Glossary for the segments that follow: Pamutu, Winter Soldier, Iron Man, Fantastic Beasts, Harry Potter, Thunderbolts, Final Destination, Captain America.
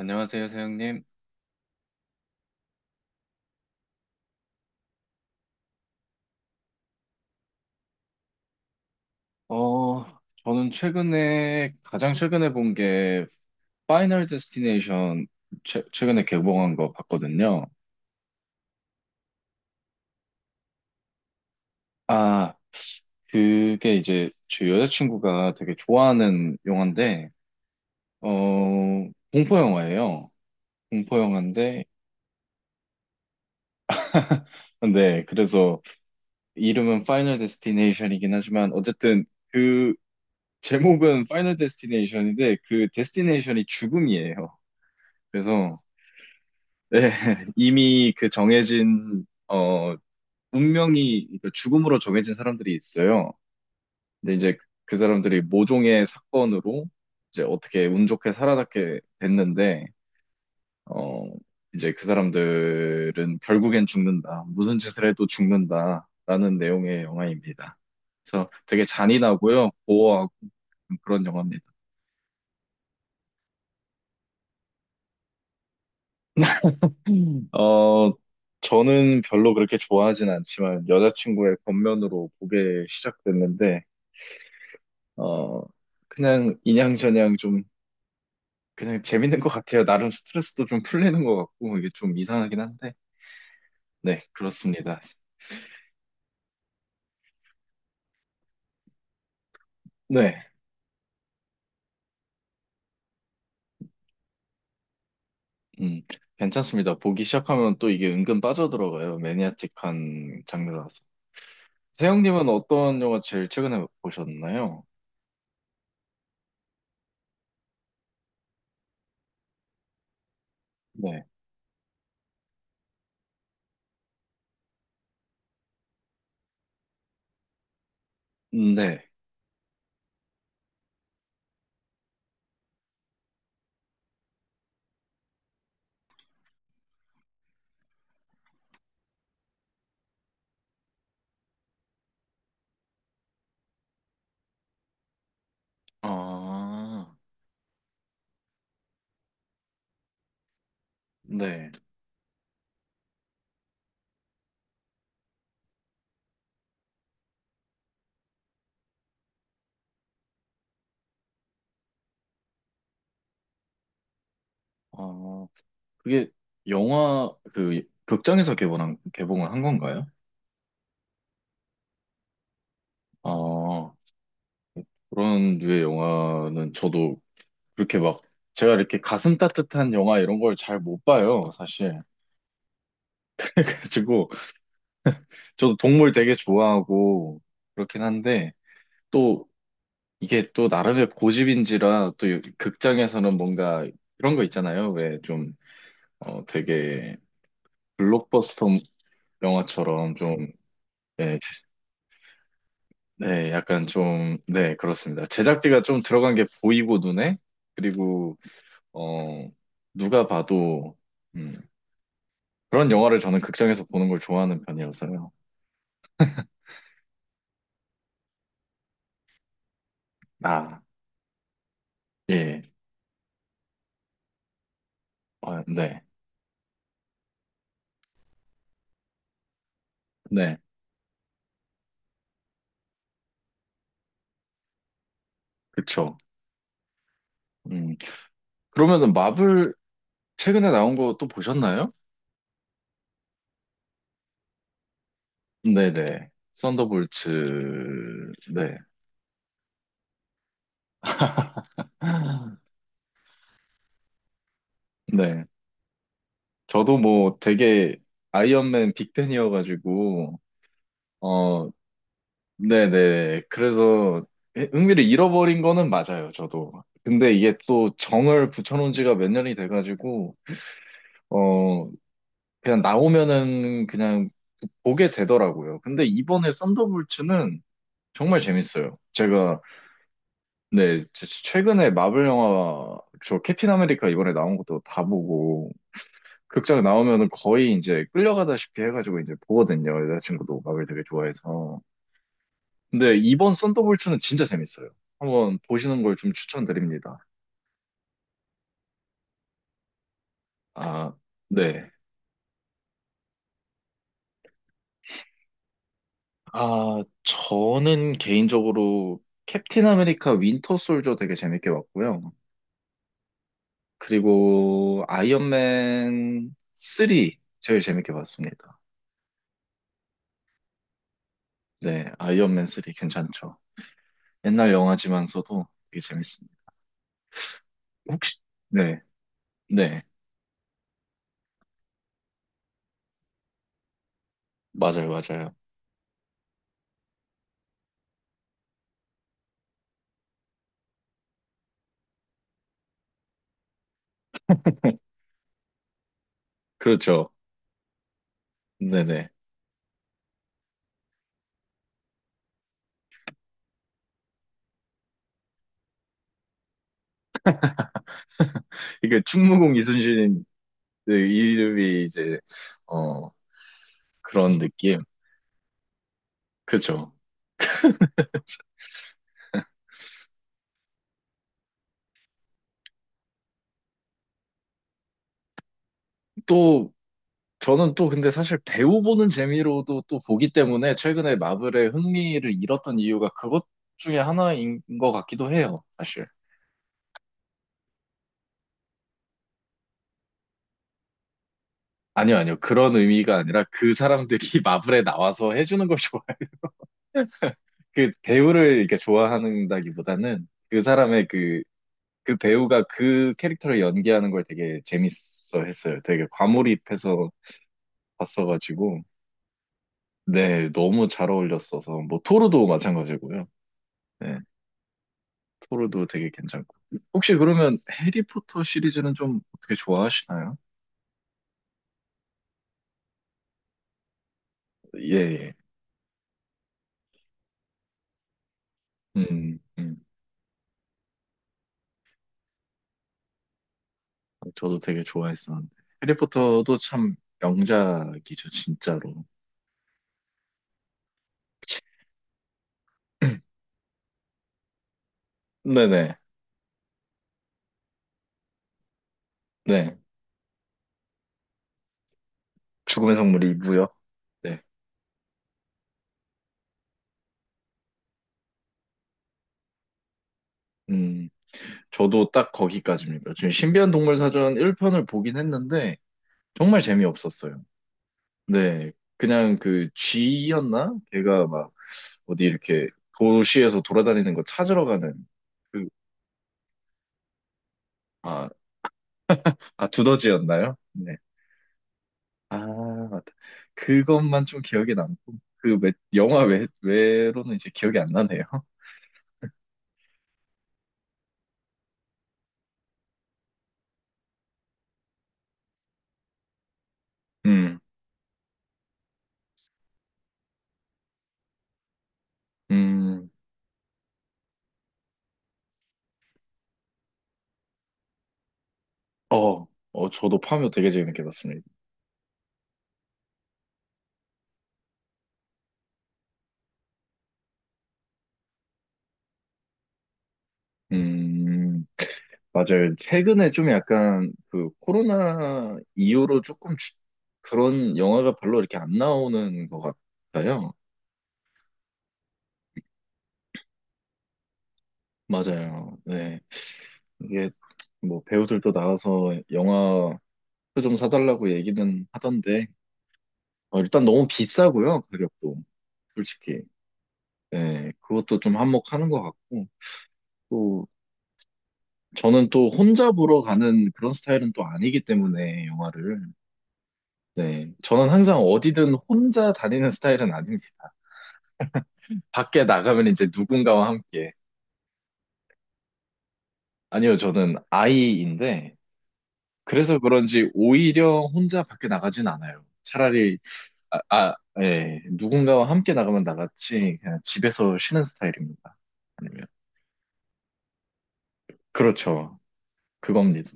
안녕하세요, 사영님. 어, 저는 최근에, 가장 최근에 본 게, 파이널 데스티네이션 최근에 개봉한 거 봤거든요. 아, 그게 이제 제 여자친구가 되게 좋아하는 영화인데, 어, 공포 영화예요. 공포 영화인데, 네, 그래서 이름은 파이널 데스티네이션이긴 하지만, 어쨌든 그 제목은 파이널 데스티네이션인데, 그 데스티네이션이 죽음이에요. 그래서, 네, 이미 그 정해진, 운명이, 그 죽음으로 정해진 사람들이 있어요. 근데 이제 그 사람들이 모종의 사건으로 이제 어떻게 운 좋게 살아남게 됐는데, 어, 이제 그 사람들은 결국엔 죽는다. 무슨 짓을 해도 죽는다. 라는 내용의 영화입니다. 그래서 되게 잔인하고요, 고어하고 그런 영화입니다. 음. 저는 별로 그렇게 좋아하진 않지만 여자친구의 권면으로 보게 시작됐는데, 어, 그냥 인양저냥 좀 그냥 재밌는 것 같아요. 나름 스트레스도 좀 풀리는 것 같고 이게 좀 이상하긴 한데, 네, 그렇습니다. 네, 음, 괜찮습니다. 보기 시작하면 또 이게 은근 빠져들어가요. 매니아틱한 장르라서. 세영님은 어떤 영화 제일 최근에 보셨나요? 네, 네, 아, 네. 아, 그게 영화 그 극장에서 개봉한 개봉을 한 건가요? 아, 그런 류의 영화는 저도 그렇게 막 제가 이렇게 가슴 따뜻한 영화 이런 걸 잘 못 봐요 사실. 그래가지고 저도 동물 되게 좋아하고 그렇긴 한데 또 이게 또 나름의 고집인지라 또 극장에서는 뭔가 그런 거 있잖아요. 왜 좀 되게 블록버스터 영화처럼 좀. 예, 네, 약간 좀, 네, 그렇습니다. 제작비가 좀 들어간 게 보이고 눈에, 그리고, 어, 누가 봐도, 음, 그런 영화를 저는 극장에서 보는 걸 좋아하는 편이어서요. 아, 예, 아, 네, 네, 그쵸. 음, 그러면은 마블 최근에 나온 거 또 보셨나요? 네네, 썬더볼츠, 네. 네, 저도 뭐 되게 아이언맨 빅팬이어가지고, 어, 네네. 그래서 흥미를 잃어버린 거는 맞아요, 저도. 근데 이게 또 정을 붙여놓은 지가 몇 년이 돼가지고, 어, 그냥 나오면은 그냥 보게 되더라고요. 근데 이번에 썬더볼츠는 정말 재밌어요. 네, 최근에 마블 영화, 저 캡틴 아메리카 이번에 나온 것도 다 보고, 극장 나오면은 거의 이제 끌려가다시피 해가지고 이제 보거든요. 여자친구도 마블 되게 좋아해서. 근데 이번 썬더볼츠는 진짜 재밌어요. 한번 보시는 걸 좀 추천드립니다. 아, 네. 아, 저는 개인적으로 캡틴 아메리카 윈터 솔저 되게 재밌게 봤고요. 그리고 아이언맨 3 제일 재밌게 봤습니다. 네, 아이언맨 3 괜찮죠. 옛날 영화지만서도 되게 재밌습니다. 혹시, 네, 네, 맞아요, 맞아요. 그렇죠. 네네. 이게 충무공 이순신 그 이름이 이제 어, 그런 느낌. 그죠. 또, 저는 또 근데 사실 배우 보는 재미로도 또 보기 때문에 최근에 마블의 흥미를 잃었던 이유가 그것 중에 하나인 것 같기도 해요, 사실. 아니요, 아니요. 그런 의미가 아니라 그 사람들이 마블에 나와서 해주는 걸 좋아해. 그 배우를 이렇게 좋아한다기보다는 그 사람의 그 배우가 그 캐릭터를 연기하는 걸 되게 재밌어 했어요. 되게 과몰입해서 봤어가지고. 네, 너무 잘 어울렸어서. 뭐, 토르도 마찬가지고요. 네. 토르도 되게 괜찮고. 혹시 그러면 해리포터 시리즈는 좀 어떻게 좋아하시나요? 예, 예. 음, 음. 저도 되게 좋아했었는데. 해리포터도 참 명작이죠, 진짜로. 네네. 네. 죽음의 성물이 있고요. 네. 음, 저도 딱 거기까지입니다. 지금 신비한 동물 사전 1편을 보긴 했는데, 정말 재미없었어요. 네. 그냥 그 쥐였나? 걔가 막 어디 이렇게 도시에서 돌아다니는 거 찾으러 가는 그, 아, 아, 두더지였나요? 네. 아, 맞다. 그것만 좀 기억에 남고, 그 외, 영화 외로는 이제 기억이 안 나네요. 음, 음, 어, 저도 파묘 되게 재밌게 봤습니다. 음, 맞아요. 최근에 좀 약간 그 코로나 이후로 조금 그런 영화가 별로 이렇게 안 나오는 것 같아요. 맞아요. 네. 이게 뭐 배우들도 나와서 영화 표좀 사달라고 얘기는 하던데, 일단 너무 비싸고요, 가격도. 솔직히. 예, 그것도 좀 한몫하는 것 같고. 또, 저는 또 혼자 보러 가는 그런 스타일은 또 아니기 때문에, 영화를. 네. 저는 항상 어디든 혼자 다니는 스타일은 아닙니다. 밖에 나가면 이제 누군가와 함께. 아니요, 저는 아이인데, 그래서 그런지 오히려 혼자 밖에 나가진 않아요. 차라리, 아, 아, 예, 누군가와 함께 나가면 나갔지, 그냥 집에서 쉬는 스타일입니다. 아니면, 그렇죠. 그겁니다.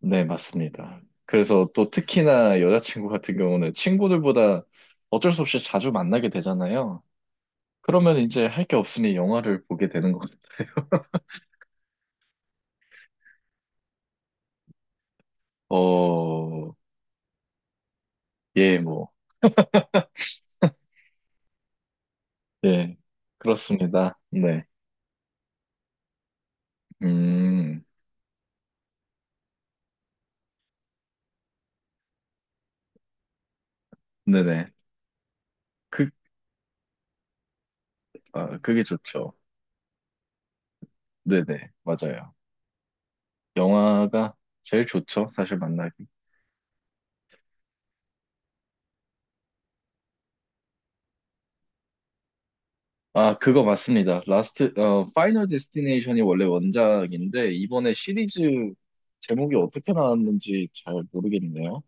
네, 맞습니다. 그래서 또 특히나 여자친구 같은 경우는 친구들보다 어쩔 수 없이 자주 만나게 되잖아요. 그러면 이제 할 게 없으니 영화를 보게 되는 거죠. 어, 예, 뭐, 예, 그렇습니다. 네, 음, 네네. 그, 아, 그게 좋죠. 네네, 맞아요. 영화가 제일 좋죠. 사실 만나기. 아, 그거 맞습니다. 파이널 데스티네이션이 원래 원작인데, 이번에 시리즈 제목이 어떻게 나왔는지 잘 모르겠네요.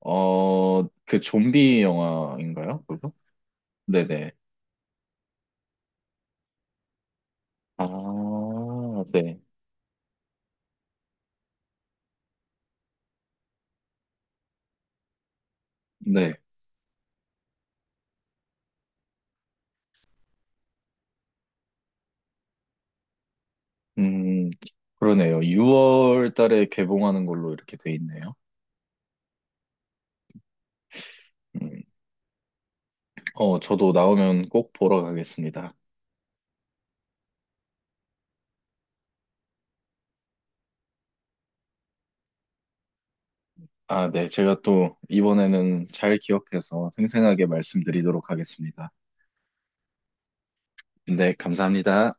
그 좀비 영화인가요? 그거? 네네. 아, 네. 네. 음, 그러네요. 6월 달에 개봉하는 걸로 이렇게 돼 있네요. 음, 저도 나오면 꼭 보러 가겠습니다. 아, 네. 제가 또 이번에는 잘 기억해서 생생하게 말씀드리도록 하겠습니다. 네, 감사합니다.